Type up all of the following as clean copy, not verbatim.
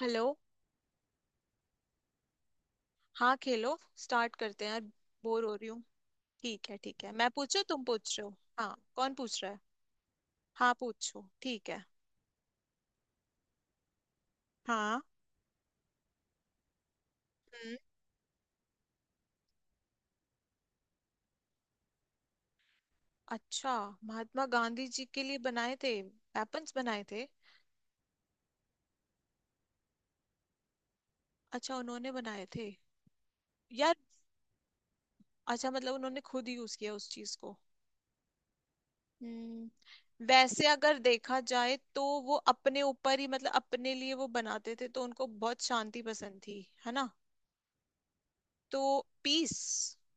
Hello. हाँ, खेलो, start करते हैं यार। बोर हो रही हूँ। ठीक है, ठीक है। मैं पूछूं? तुम पूछ रहे हो? हाँ, कौन पूछ रहा है? हाँ, पूछो, ठीक है। हाँ। हम्म। अच्छा। महात्मा गांधी जी के लिए बनाए थे, वेपन्स बनाए थे? अच्छा, उन्होंने बनाए थे यार। अच्छा, मतलब उन्होंने खुद यूज किया उस चीज को? हम्म। वैसे अगर देखा जाए तो वो अपने ऊपर ही मतलब अपने लिए वो बनाते थे, तो उनको बहुत शांति पसंद थी, है ना। तो पीस।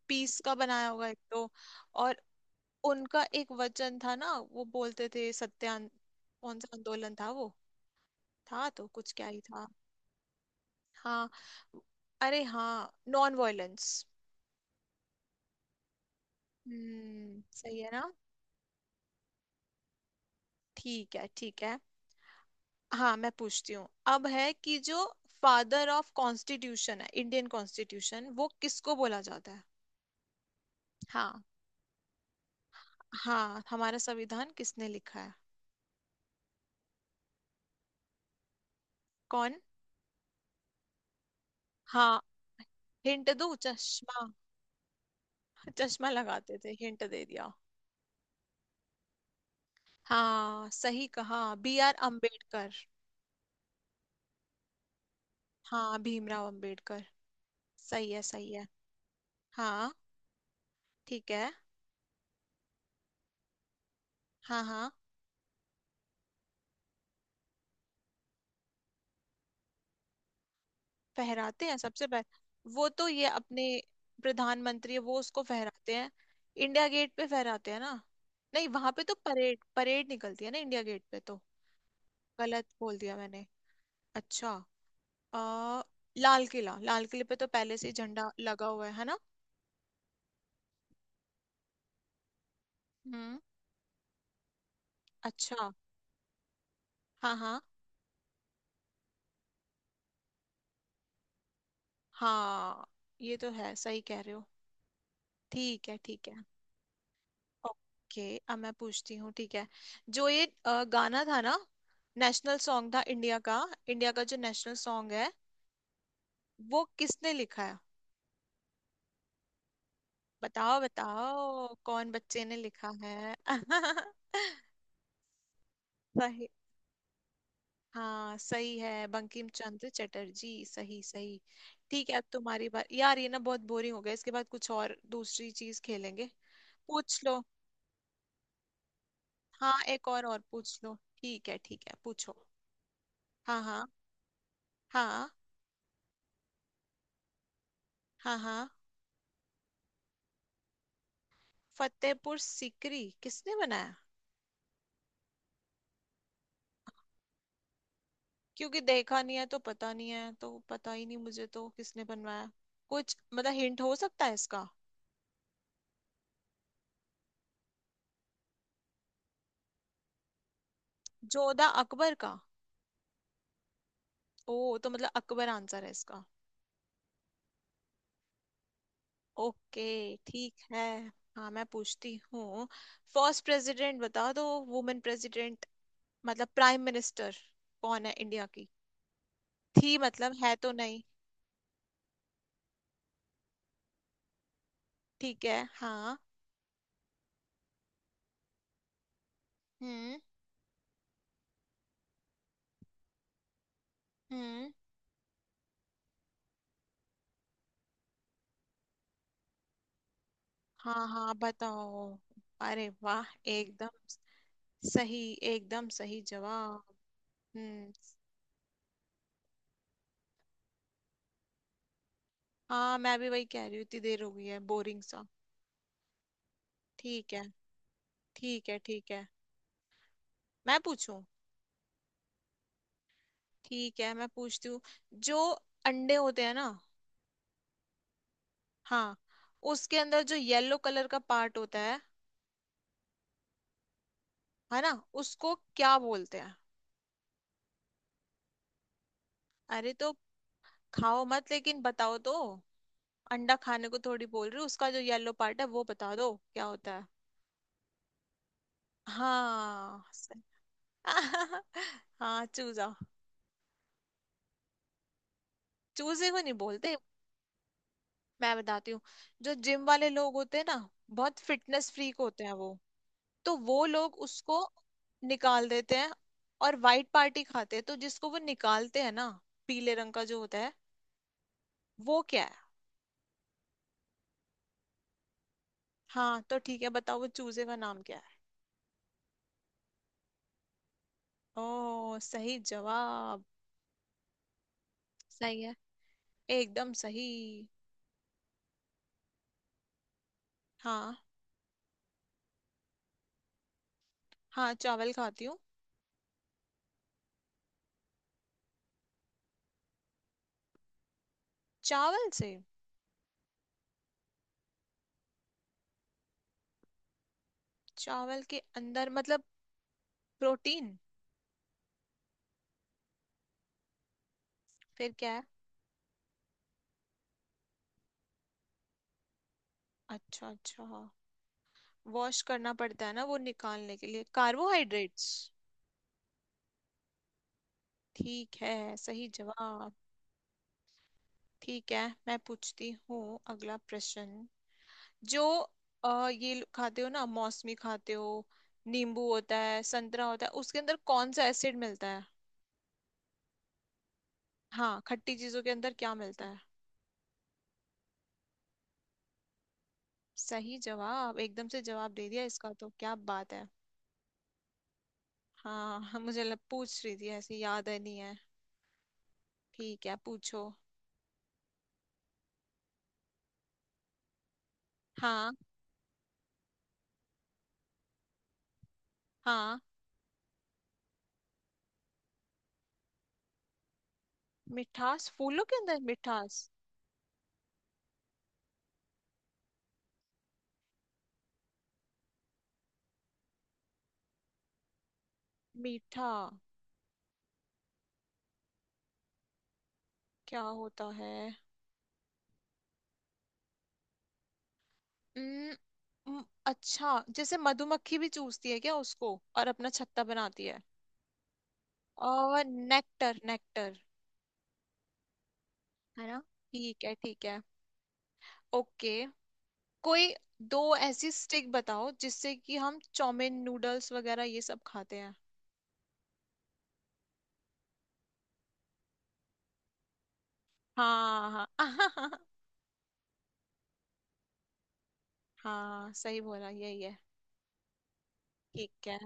पीस का बनाया होगा एक तो। और उनका एक वचन था ना, वो बोलते थे सत्यान। कौन सा आंदोलन था वो? था तो कुछ, क्या ही था। हाँ। अरे हाँ, नॉन वायलेंस। हम्म, सही है ना। ठीक है, ठीक है। हाँ, मैं पूछती हूँ। अब है कि जो फादर ऑफ कॉन्स्टिट्यूशन है, इंडियन कॉन्स्टिट्यूशन, वो किसको बोला जाता है? हाँ, हाँ, हमारा संविधान किसने लिखा है? कौन? हाँ, हिंट दो, चश्मा। चश्मा लगाते थे, हिंट दे दिया। हाँ, सही कहा। B are Ambedkar. हाँ, भीमराव अम्बेडकर। सही है, सही है। हाँ। ठीक है। हाँ, हाँ, फहराते हैं सबसे पहले वो तो। ये अपने प्रधानमंत्री है वो, उसको फहराते हैं। इंडिया गेट पे फहराते हैं ना? नहीं, वहां पे तो परेड, परेड निकलती है ना इंडिया गेट पे तो। गलत बोल दिया मैंने। अच्छा। आ, लाल किला। लाल किले पे तो पहले से ही झंडा लगा हुआ है ना। हम्म। अच्छा। हाँ, हाँ, हाँ। ये तो है, सही कह रहे हो। ठीक है, ठीक है। ओके, अब मैं पूछती हूँ, ठीक है। जो ये गाना था ना, नेशनल सॉन्ग था इंडिया का। इंडिया का जो नेशनल सॉन्ग है, वो किसने लिखा है? बताओ बताओ, कौन बच्चे ने लिखा है? सही। हाँ, सही है, बंकिम चंद्र चटर्जी, सही, सही। ठीक है, अब तुम्हारी बात यार, ये ना बहुत बोरिंग हो गया, इसके बाद कुछ और दूसरी चीज खेलेंगे। पूछ लो। हाँ, एक और पूछ लो, ठीक है, ठीक है, पूछो। हाँ। हाँ। हाँ। हाँ। हाँ। फतेहपुर सिकरी किसने बनाया? क्योंकि देखा नहीं है तो पता नहीं है, तो पता ही नहीं मुझे तो किसने बनवाया। कुछ मतलब हिंट हो सकता है इसका? जोधा अकबर का? ओ, तो मतलब अकबर आंसर है इसका। ओके, ठीक है। हाँ, मैं पूछती हूँ। फर्स्ट प्रेसिडेंट बता दो, वुमेन प्रेसिडेंट, मतलब प्राइम मिनिस्टर कौन है इंडिया की? थी, मतलब है तो नहीं। ठीक है, हाँ। हम्म। हम्म। हाँ, हाँ, बताओ। अरे वाह, एकदम सही। एकदम सही जवाब। हम्म। हाँ, मैं भी वही कह रही हूँ, इतनी देर हो गई है, बोरिंग सा। ठीक है, ठीक है। ठीक है, मैं पूछूं? ठीक है, मैं पूछती हूँ। जो अंडे होते हैं ना। हाँ, उसके अंदर जो येलो कलर का पार्ट होता है ना, उसको क्या बोलते हैं? अरे तो खाओ मत लेकिन बताओ तो। अंडा खाने को थोड़ी बोल रही हूँ, उसका जो येलो पार्ट है, वो बता दो क्या होता है। हाँ सही। हाँ चूजा। चूजे को नहीं बोलते। मैं बताती हूँ। जो जिम वाले लोग होते हैं ना, बहुत फिटनेस फ्रीक होते हैं वो, तो वो लोग उसको निकाल देते हैं और वाइट पार्टी खाते हैं। तो जिसको वो निकालते हैं ना, पीले रंग का जो होता है, वो क्या है? हाँ, तो ठीक है, बताओ वो चूजे का नाम क्या है? ओ, सही जवाब। सही है, एकदम सही। हाँ, हाँ, चावल खाती हूँ। चावल से? चावल के अंदर मतलब प्रोटीन? फिर क्या है? अच्छा, अच्छा, हाँ। वॉश करना पड़ता है ना, वो निकालने के लिए, कार्बोहाइड्रेट्स। ठीक है, सही जवाब। ठीक है, मैं पूछती हूँ अगला प्रश्न। जो खाते हो ना मौसमी खाते हो, नींबू होता है, संतरा होता है, उसके अंदर कौन सा एसिड मिलता है? हाँ, खट्टी चीजों के अंदर क्या मिलता है? सही जवाब, एकदम से जवाब दे दिया इसका तो, क्या बात है। हाँ हाँ, पूछ रही थी ऐसे, याद है नहीं है। ठीक है, पूछो। हाँ। हाँ, मिठास, फूलों के अंदर मिठास? मीठा? क्या होता है? उम्म, उम्म, अच्छा, जैसे मधुमक्खी भी चूसती है क्या उसको और अपना छत्ता बनाती है? और नेक्टर, नेक्टर। है ना। ठीक है, ठीक है, ओके। कोई दो ऐसी स्टिक बताओ जिससे कि हम चाउमीन, नूडल्स वगैरह ये सब खाते हैं। हाँ हाँ हाँ, सही बोला, यही है। ठीक है।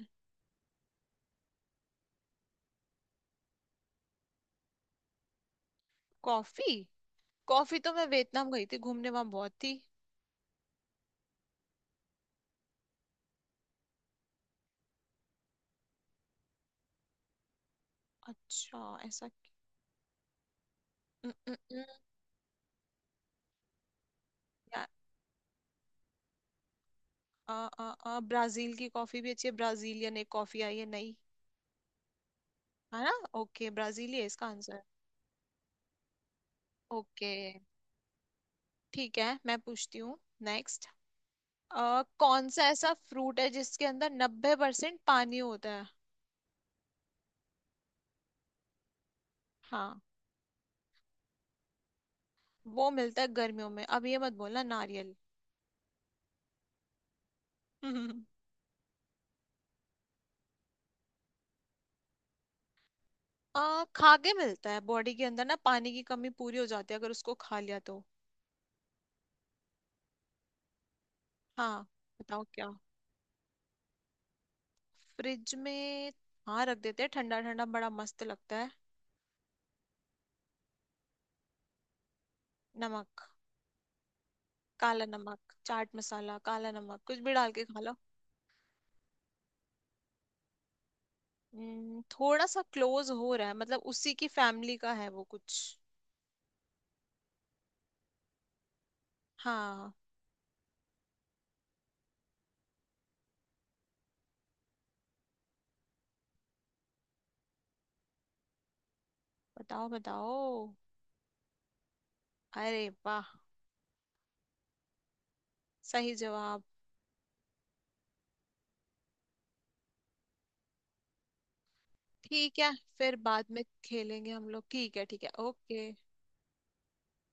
कॉफी। कॉफी तो मैं वियतनाम गई थी घूमने, वहां बहुत थी। अच्छा, न, न, न, या- आ, आ, ब्राजील की कॉफी भी अच्छी है, ब्राजीलियन एक कॉफी आई है नई, है ना। ओके, ब्राजील ही है इसका आंसर। ओके। ठीक है, मैं पूछती हूँ नेक्स्ट। कौन सा ऐसा फ्रूट है जिसके अंदर 90% पानी होता है? हाँ, वो मिलता है गर्मियों में। अब ये मत बोलना नारियल। खा के मिलता है, बॉडी के अंदर ना पानी की कमी पूरी हो जाती है अगर उसको खा लिया तो। हाँ, बताओ क्या। फ्रिज में? हाँ, रख देते हैं, ठंडा ठंडा बड़ा मस्त लगता है। नमक। काला नमक, चाट मसाला, काला नमक, कुछ भी डाल के खा लो। थोड़ा सा क्लोज हो रहा है, मतलब उसी की फैमिली का है वो कुछ। हाँ, बताओ बताओ। अरे वाह, सही जवाब। ठीक है, फिर बाद में खेलेंगे हम लोग, ठीक है, ठीक है, ओके।